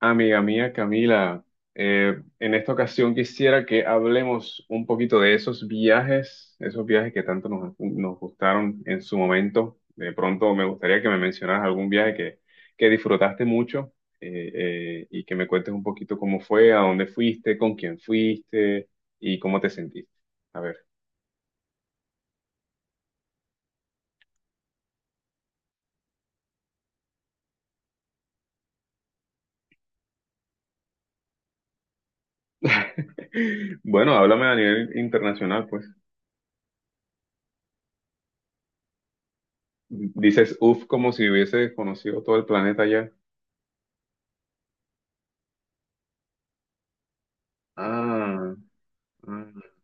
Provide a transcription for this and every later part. Amiga mía Camila, en esta ocasión quisiera que hablemos un poquito de esos viajes que tanto nos gustaron en su momento. De pronto me gustaría que me mencionaras algún viaje que disfrutaste mucho y que me cuentes un poquito cómo fue, a dónde fuiste, con quién fuiste y cómo te sentiste. A ver. Bueno, háblame a nivel internacional, pues. Dices, uf, como si hubiese conocido todo el planeta ya. Ah, ah.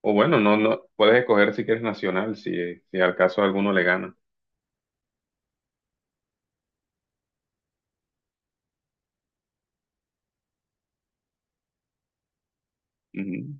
O bueno, no, no, puedes escoger si quieres nacional, si al caso alguno le gana. Ujú,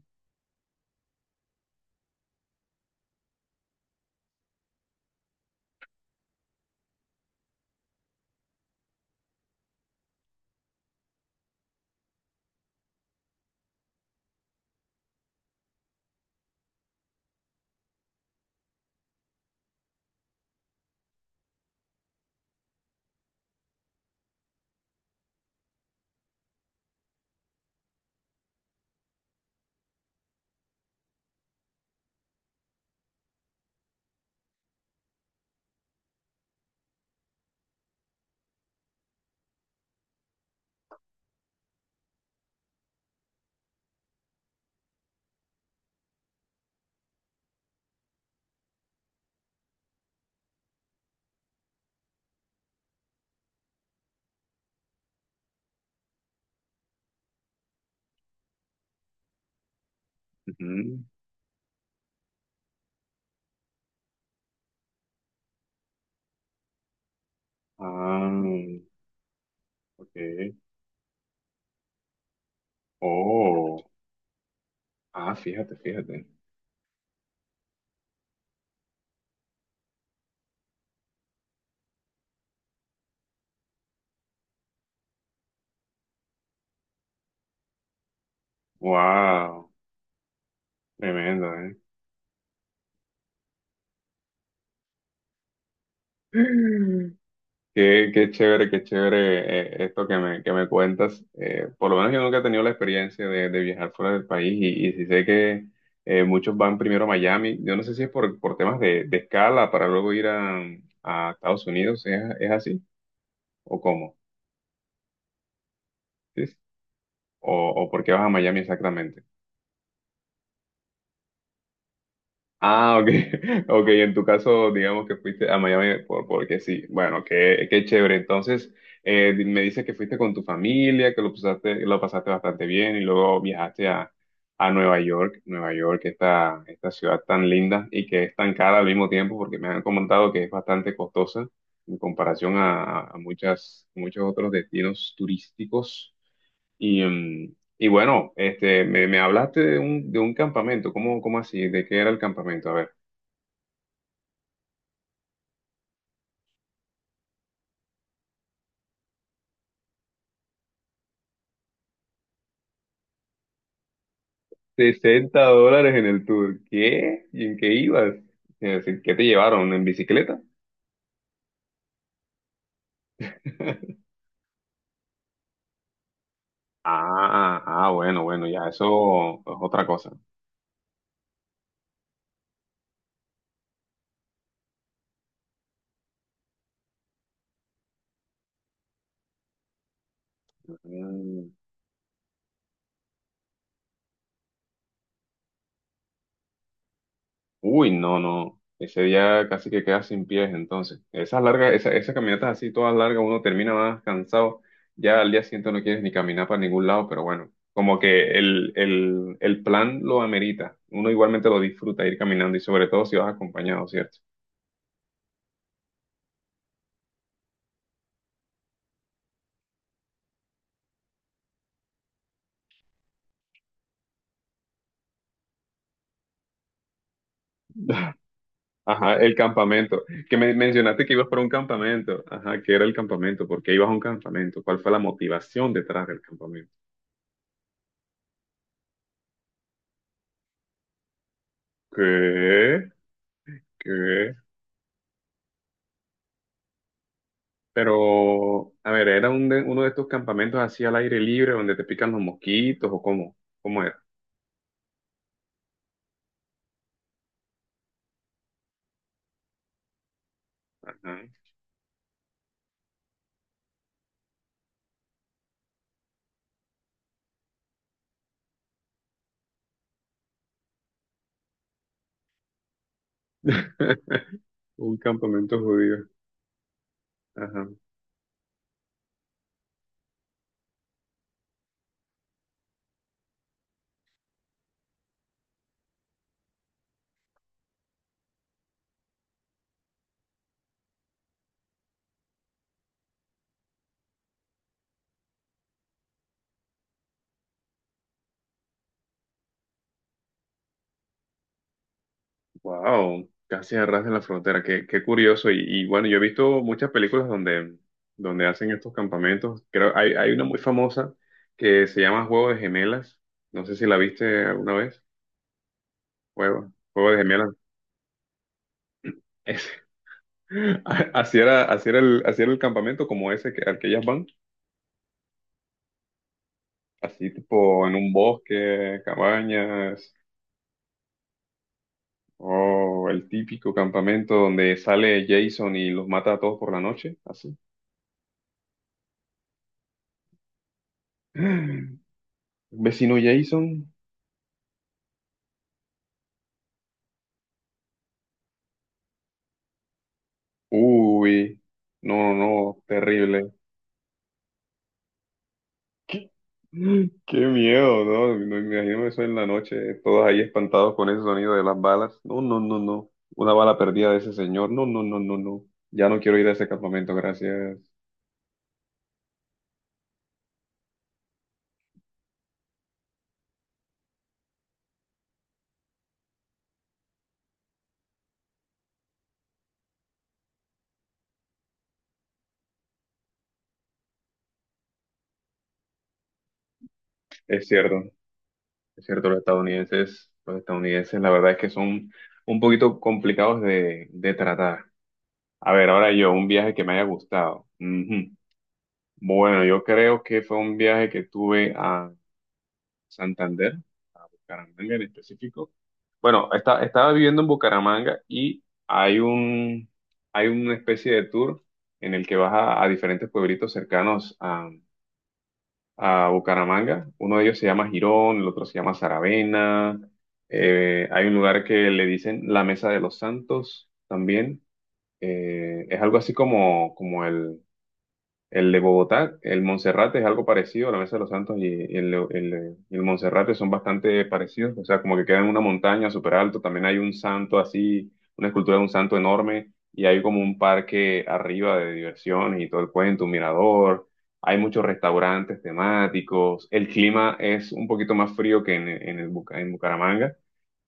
ujú. Ah, ok. Oh, ah, fíjate, fíjate. Wow, tremendo, ¿eh? Mm. Qué, qué chévere, qué chévere, esto que me cuentas. Por lo menos yo nunca he tenido la experiencia de viajar fuera del país y sí sé que muchos van primero a Miami. Yo no sé si es por temas de escala para luego ir a Estados Unidos. ¿Es así o cómo? Sí, sí. ¿O, o por qué vas a Miami exactamente? Ah, ok. Ok, en tu caso, digamos que fuiste a Miami porque sí. Bueno, qué, qué chévere. Entonces, me dices que fuiste con tu familia, que lo pasaste bastante bien y luego viajaste a Nueva York. Nueva York, esta ciudad tan linda y que es tan cara al mismo tiempo porque me han comentado que es bastante costosa en comparación a muchas, muchos otros destinos turísticos. Y, mm, y bueno, este, me hablaste de un campamento. ¿Cómo, cómo así? ¿De qué era el campamento? A ver. $60 en el tour. ¿Qué? ¿Y en qué ibas? Es decir, ¿qué te llevaron? ¿En bicicleta? Ah, ah, bueno, bueno, ya, eso es otra cosa. Mm. Uy, no, no. Ese día casi que quedas sin pies, entonces. Esas largas, esas caminatas así, todas largas, uno termina más cansado. Ya al día siguiente no quieres ni caminar para ningún lado, pero bueno, como que el plan lo amerita. Uno igualmente lo disfruta ir caminando y sobre todo si vas acompañado, ¿cierto? Ajá, el campamento. Que me mencionaste que ibas para un campamento. Ajá, ¿qué era el campamento? ¿Por qué ibas a un campamento? ¿Cuál fue la motivación detrás del campamento? ¿Qué? ¿Qué? Pero, a ver, ¿era uno de estos campamentos así al aire libre donde te pican los mosquitos o cómo? ¿Cómo era? Ajá. Un campamento judío. Ajá. Wow, casi a ras de la frontera. Qué, qué curioso. Y bueno, yo he visto muchas películas donde, donde hacen estos campamentos. Creo, hay una muy famosa que se llama Juego de Gemelas. No sé si la viste alguna vez. Juego, Juego de Gemelas. Ese. Así era, así era así era el campamento como ese que, al que ellas van. Así tipo en un bosque, cabañas, o el típico campamento donde sale Jason y los mata a todos por la noche, así. Vecino Jason, uy, no, no, terrible. Qué, qué miedo, ¿no? No me imagino eso en la noche, todos ahí espantados con ese sonido de las balas. No, no, no, no. Una bala perdida de ese señor. No, no, no, no, no. Ya no quiero ir a ese campamento, gracias. Es cierto. Es cierto, los estadounidenses, la verdad es que son un poquito complicados de tratar. A ver, ahora yo, un viaje que me haya gustado. Ujú. Bueno, yo creo que fue un viaje que tuve a Santander, Bucaramanga en específico. Bueno, estaba viviendo en Bucaramanga y hay hay una especie de tour en el que vas a diferentes pueblitos cercanos a Bucaramanga. Uno de ellos se llama Girón, el otro se llama Saravena. Hay un lugar que le dicen la Mesa de los Santos también. Es algo así como, como el de Bogotá, el Monserrate es algo parecido, la Mesa de los Santos y el Monserrate son bastante parecidos, o sea, como que queda en una montaña súper alto, también hay un santo así, una escultura de un santo enorme, y hay como un parque arriba de diversiones y todo el cuento, un mirador, hay muchos restaurantes temáticos, el clima es un poquito más frío que en Bucaramanga,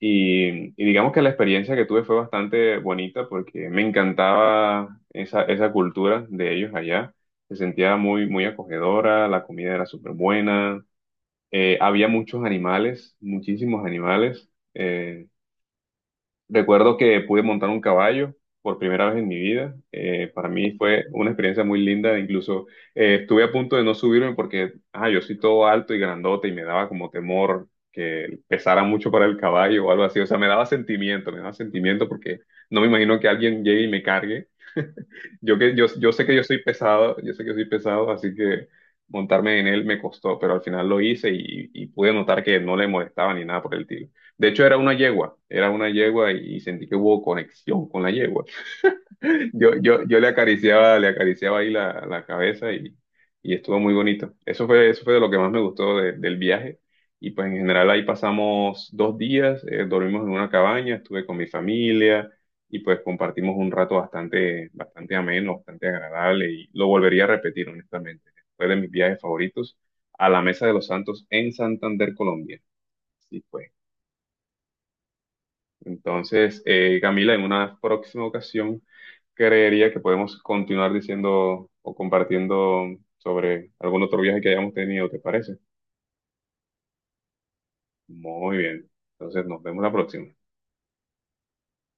y digamos que la experiencia que tuve fue bastante bonita porque me encantaba esa, esa cultura de ellos allá. Se sentía muy, muy acogedora, la comida era súper buena, había muchos animales, muchísimos animales. eh, Recuerdo que pude montar un caballo por primera vez en mi vida. Para mí fue una experiencia muy linda, incluso estuve a punto de no subirme porque ah, yo soy todo alto y grandote y me daba como temor que pesara mucho para el caballo o algo así. O sea, me daba sentimiento porque no me imagino que alguien llegue y me cargue. Yo sé que yo soy pesado, yo sé que soy pesado, así que montarme en él me costó, pero al final lo hice y pude notar que no le molestaba ni nada por el tiro. De hecho, era una yegua y sentí que hubo conexión con la yegua. Yo le acariciaba ahí la cabeza y estuvo muy bonito. Eso fue de lo que más me gustó del viaje. Y pues en general ahí pasamos 2 días, dormimos en una cabaña, estuve con mi familia y pues compartimos un rato bastante, bastante ameno, bastante agradable y lo volvería a repetir honestamente. Fue de mis viajes favoritos a la Mesa de los Santos en Santander, Colombia. Sí, pues. Entonces, Camila, en una próxima ocasión creería que podemos continuar diciendo o compartiendo sobre algún otro viaje que hayamos tenido, ¿te parece? Muy bien. Entonces, nos vemos la próxima.